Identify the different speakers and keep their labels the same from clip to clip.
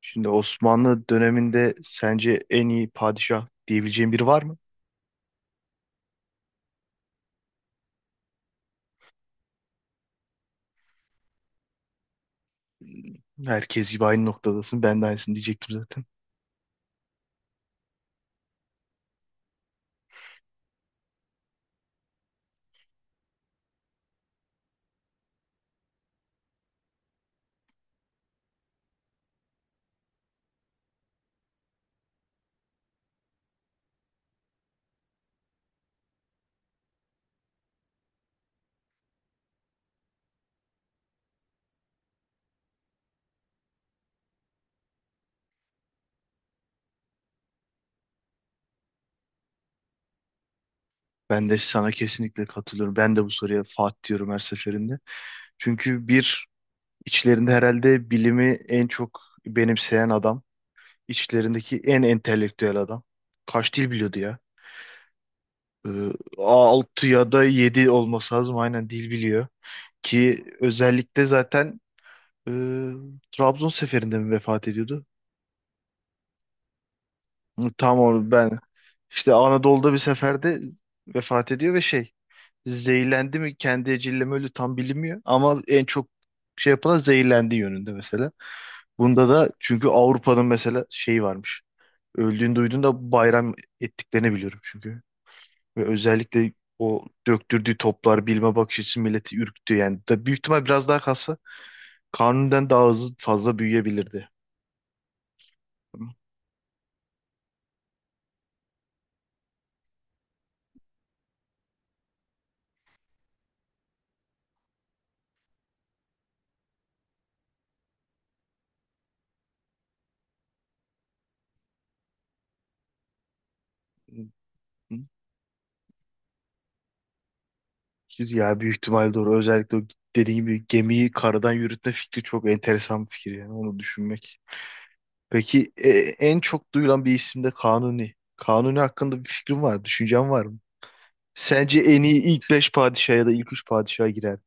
Speaker 1: Şimdi Osmanlı döneminde sence en iyi padişah diyebileceğin biri var mı? Herkes gibi aynı noktadasın. Ben de aynısını diyecektim zaten. Ben de sana kesinlikle katılıyorum. Ben de bu soruya Fatih diyorum her seferinde. Çünkü bir içlerinde herhalde bilimi en çok benimseyen adam. İçlerindeki en entelektüel adam. Kaç dil biliyordu ya? Ee, 6 ya da 7 olması lazım. Aynen dil biliyor. Ki özellikle zaten e, Trabzon seferinde mi vefat ediyordu? Tam onu ben işte Anadolu'da bir seferde vefat ediyor ve şey zehirlendi mi kendi eceliyle mi öldü tam bilinmiyor ama en çok şey yapılan zehirlendiği yönünde mesela. Bunda da çünkü Avrupa'nın mesela şeyi varmış. Öldüğünü duyduğunda bayram ettiklerini biliyorum çünkü. Ve özellikle o döktürdüğü toplar bilme bakış açısı milleti ürktü yani. Da büyük ihtimal biraz daha kalsa Kanuni'den daha hızlı fazla büyüyebilirdi. Tamam. Hı. Ya büyük ihtimal doğru. Özellikle o dediğim gibi gemiyi karadan yürütme fikri çok enteresan bir fikir yani onu düşünmek. Peki en çok duyulan bir isim de Kanuni. Kanuni hakkında bir fikrin var, düşüncen var mı? Sence en iyi ilk 5 padişah ya da ilk 3 padişaha girer mi?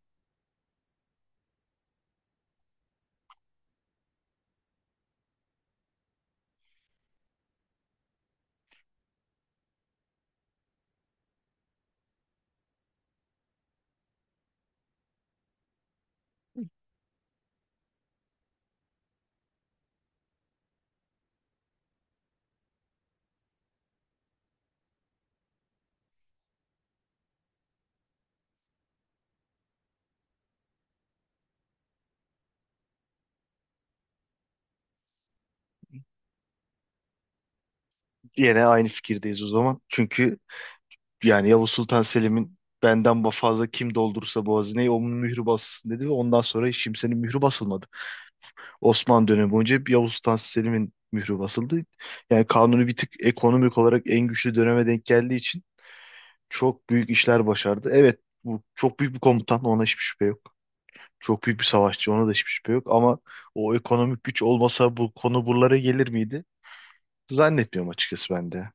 Speaker 1: Yine aynı fikirdeyiz o zaman. Çünkü yani Yavuz Sultan Selim'in fazla kim doldurursa bu hazineyi onun mührü basılsın dedi ve ondan sonra hiç kimsenin mührü basılmadı. Osmanlı dönemi boyunca hep Yavuz Sultan Selim'in mührü basıldı. Yani Kanuni bir tık ekonomik olarak en güçlü döneme denk geldiği için çok büyük işler başardı. Evet bu çok büyük bir komutan, ona hiçbir şüphe yok. Çok büyük bir savaşçı, ona da hiçbir şüphe yok ama o ekonomik güç olmasa bu konu buralara gelir miydi? Zannetmiyorum açıkçası ben de.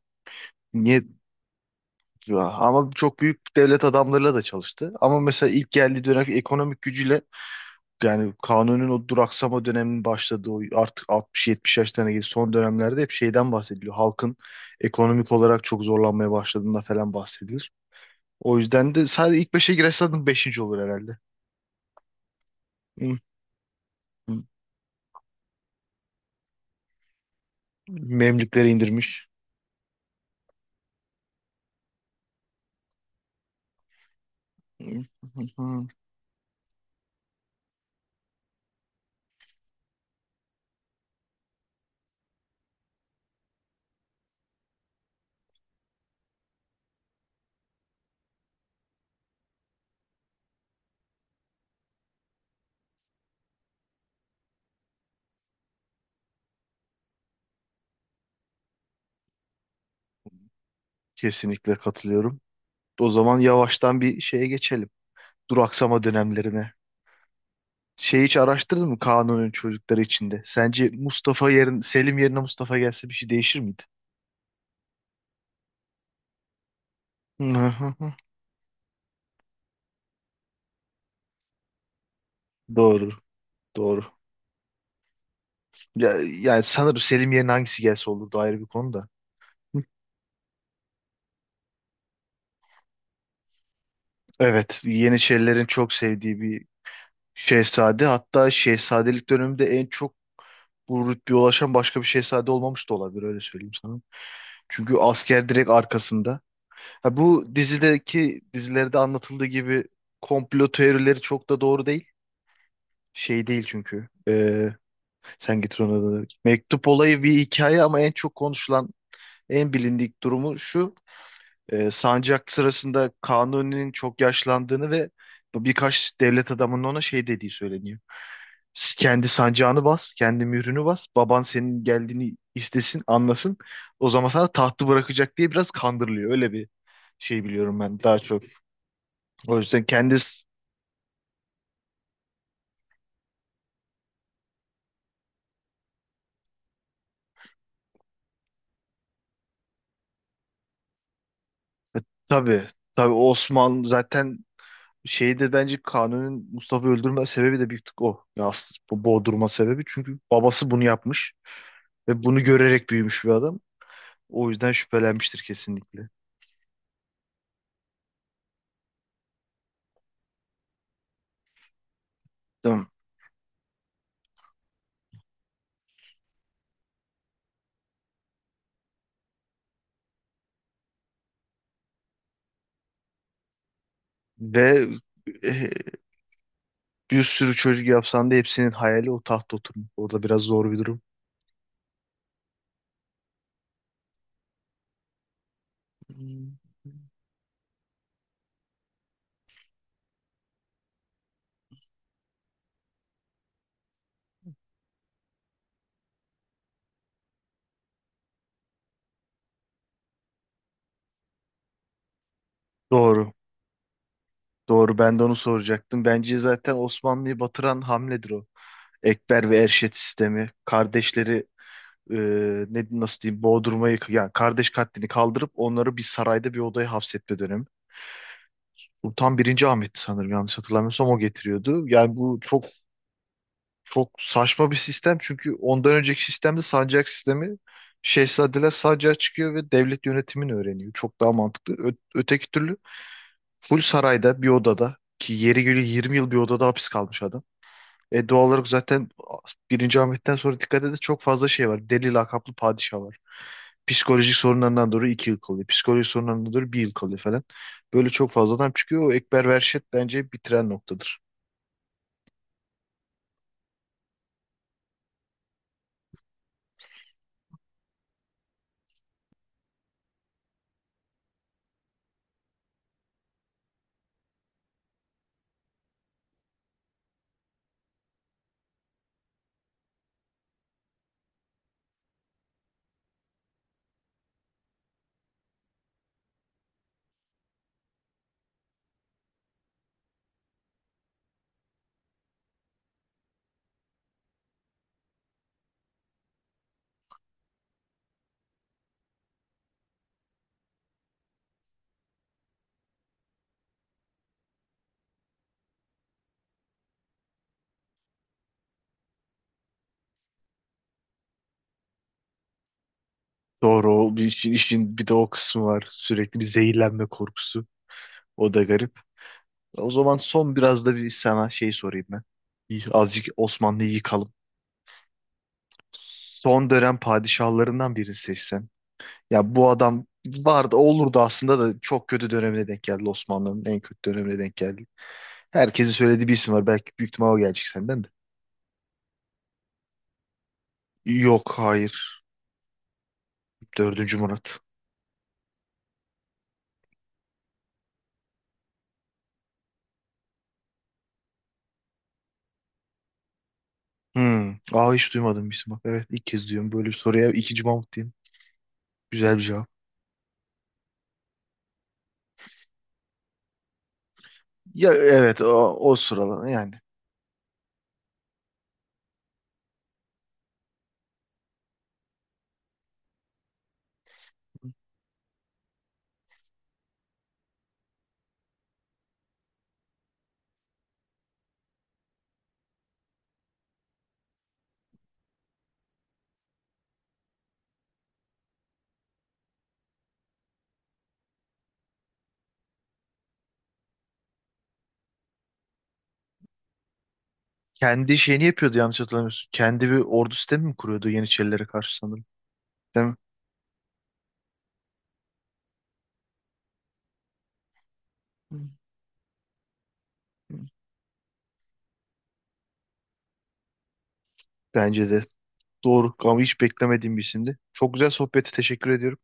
Speaker 1: Niye? Ama çok büyük devlet adamlarıyla da çalıştı. Ama mesela ilk geldiği dönem ekonomik gücüyle yani Kanun'un o duraksama döneminin başladığı o artık 60-70 yaşlarına geldiği son dönemlerde hep şeyden bahsediliyor. Halkın ekonomik olarak çok zorlanmaya başladığında falan bahsedilir. O yüzden de sadece ilk 5'e girerse zaten 5. olur herhalde. Hı, hı. Memlükleri indirmiş. Hı, hı, hı. Kesinlikle katılıyorum. O zaman yavaştan bir şeye geçelim. Duraksama dönemlerine. Şey hiç araştırdın mı Kanun'un çocukları içinde? Sence Mustafa yerin Selim yerine Mustafa gelse bir şey değişir miydi? Hı hı hı. Doğru. Doğru. Ya, yani sanırım Selim yerine hangisi gelse olurdu ayrı bir konu da. Evet, Yeniçerilerin çok sevdiği bir şehzade. Hatta şehzadelik döneminde en çok bu rütbeye ulaşan başka bir şehzade olmamış da olabilir, öyle söyleyeyim sana. Çünkü asker direkt arkasında. Ha, bu dizilerde anlatıldığı gibi komplo teorileri çok da doğru değil. Şey değil çünkü. Sen getir onu da. Mektup olayı bir hikaye ama en çok konuşulan, en bilindik durumu şu. E, sancak sırasında Kanuni'nin çok yaşlandığını ve birkaç devlet adamının ona şey dediği söyleniyor. Kendi sancağını bas, kendi mührünü bas. Baban senin geldiğini istesin, anlasın. O zaman sana tahtı bırakacak" diye biraz kandırılıyor. Öyle bir şey biliyorum ben daha çok. O yüzden kendi tabii tabii, Osmanlı zaten şeydir, bence Kanuni'nin Mustafa'yı öldürme sebebi de büyük tık o. Ya aslında bu boğdurma sebebi çünkü babası bunu yapmış ve bunu görerek büyümüş bir adam. O yüzden şüphelenmiştir kesinlikle. Değil mi? Ve e, bir sürü çocuk yapsan da hepsinin hayali o tahta oturmak. Orada biraz zor bir durum. Hmm. Doğru. Doğru. Ben de onu soracaktım. Bence zaten Osmanlı'yı batıran hamledir o. Ekber ve Erşet sistemi. Kardeşleri e, nasıl diyeyim, boğdurmayı yani kardeş katlini kaldırıp onları bir sarayda bir odaya hapsetme dönemi. Bu tam birinci Ahmet'ti sanırım, yanlış hatırlamıyorsam o getiriyordu. Yani bu çok çok saçma bir sistem çünkü ondan önceki sistemde sancak sistemi, şehzadeler sancağa çıkıyor ve devlet yönetimini öğreniyor. Çok daha mantıklı. Öteki türlü full sarayda bir odada, ki yeri geliyor 20 yıl bir odada hapis kalmış adam. E doğal olarak zaten birinci Ahmet'ten sonra dikkat edin çok fazla şey var. Deli lakaplı padişah var. Psikolojik sorunlarından dolayı 2 yıl kalıyor. Psikolojik sorunlarından dolayı bir yıl kalıyor falan. Böyle çok fazla adam çıkıyor. O Ekber Verşet bence bitiren noktadır. Doğru o bir işin bir de o kısmı var. Sürekli bir zehirlenme korkusu. O da garip. O zaman son biraz da bir sana şey sorayım ben. Azıcık Osmanlı'yı yıkalım. Son dönem padişahlarından birini seçsen. Ya bu adam vardı, olurdu aslında da çok kötü dönemine denk geldi, Osmanlı'nın en kötü dönemine denk geldi. Herkesin söylediği bir isim var. Belki büyük ihtimal o gelecek senden de. Yok, hayır. Dördüncü Murat. Hmm. Aa, hiç duymadım bir isim bak. Evet, ilk kez duyuyorum. Böyle bir soruya ikinci Mahmut diyeyim. Güzel bir cevap. Ya evet, o, o sıralar yani. Kendi şeyini yapıyordu, yanlış hatırlamıyorsun. Kendi bir ordu sistemi mi kuruyordu Yeniçerilere karşı sanırım. Değil mi? Hı hı. Bence de. Doğru, ama hiç beklemediğim bir isimdi. Çok güzel sohbeti teşekkür ediyorum.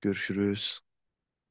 Speaker 1: Görüşürüz.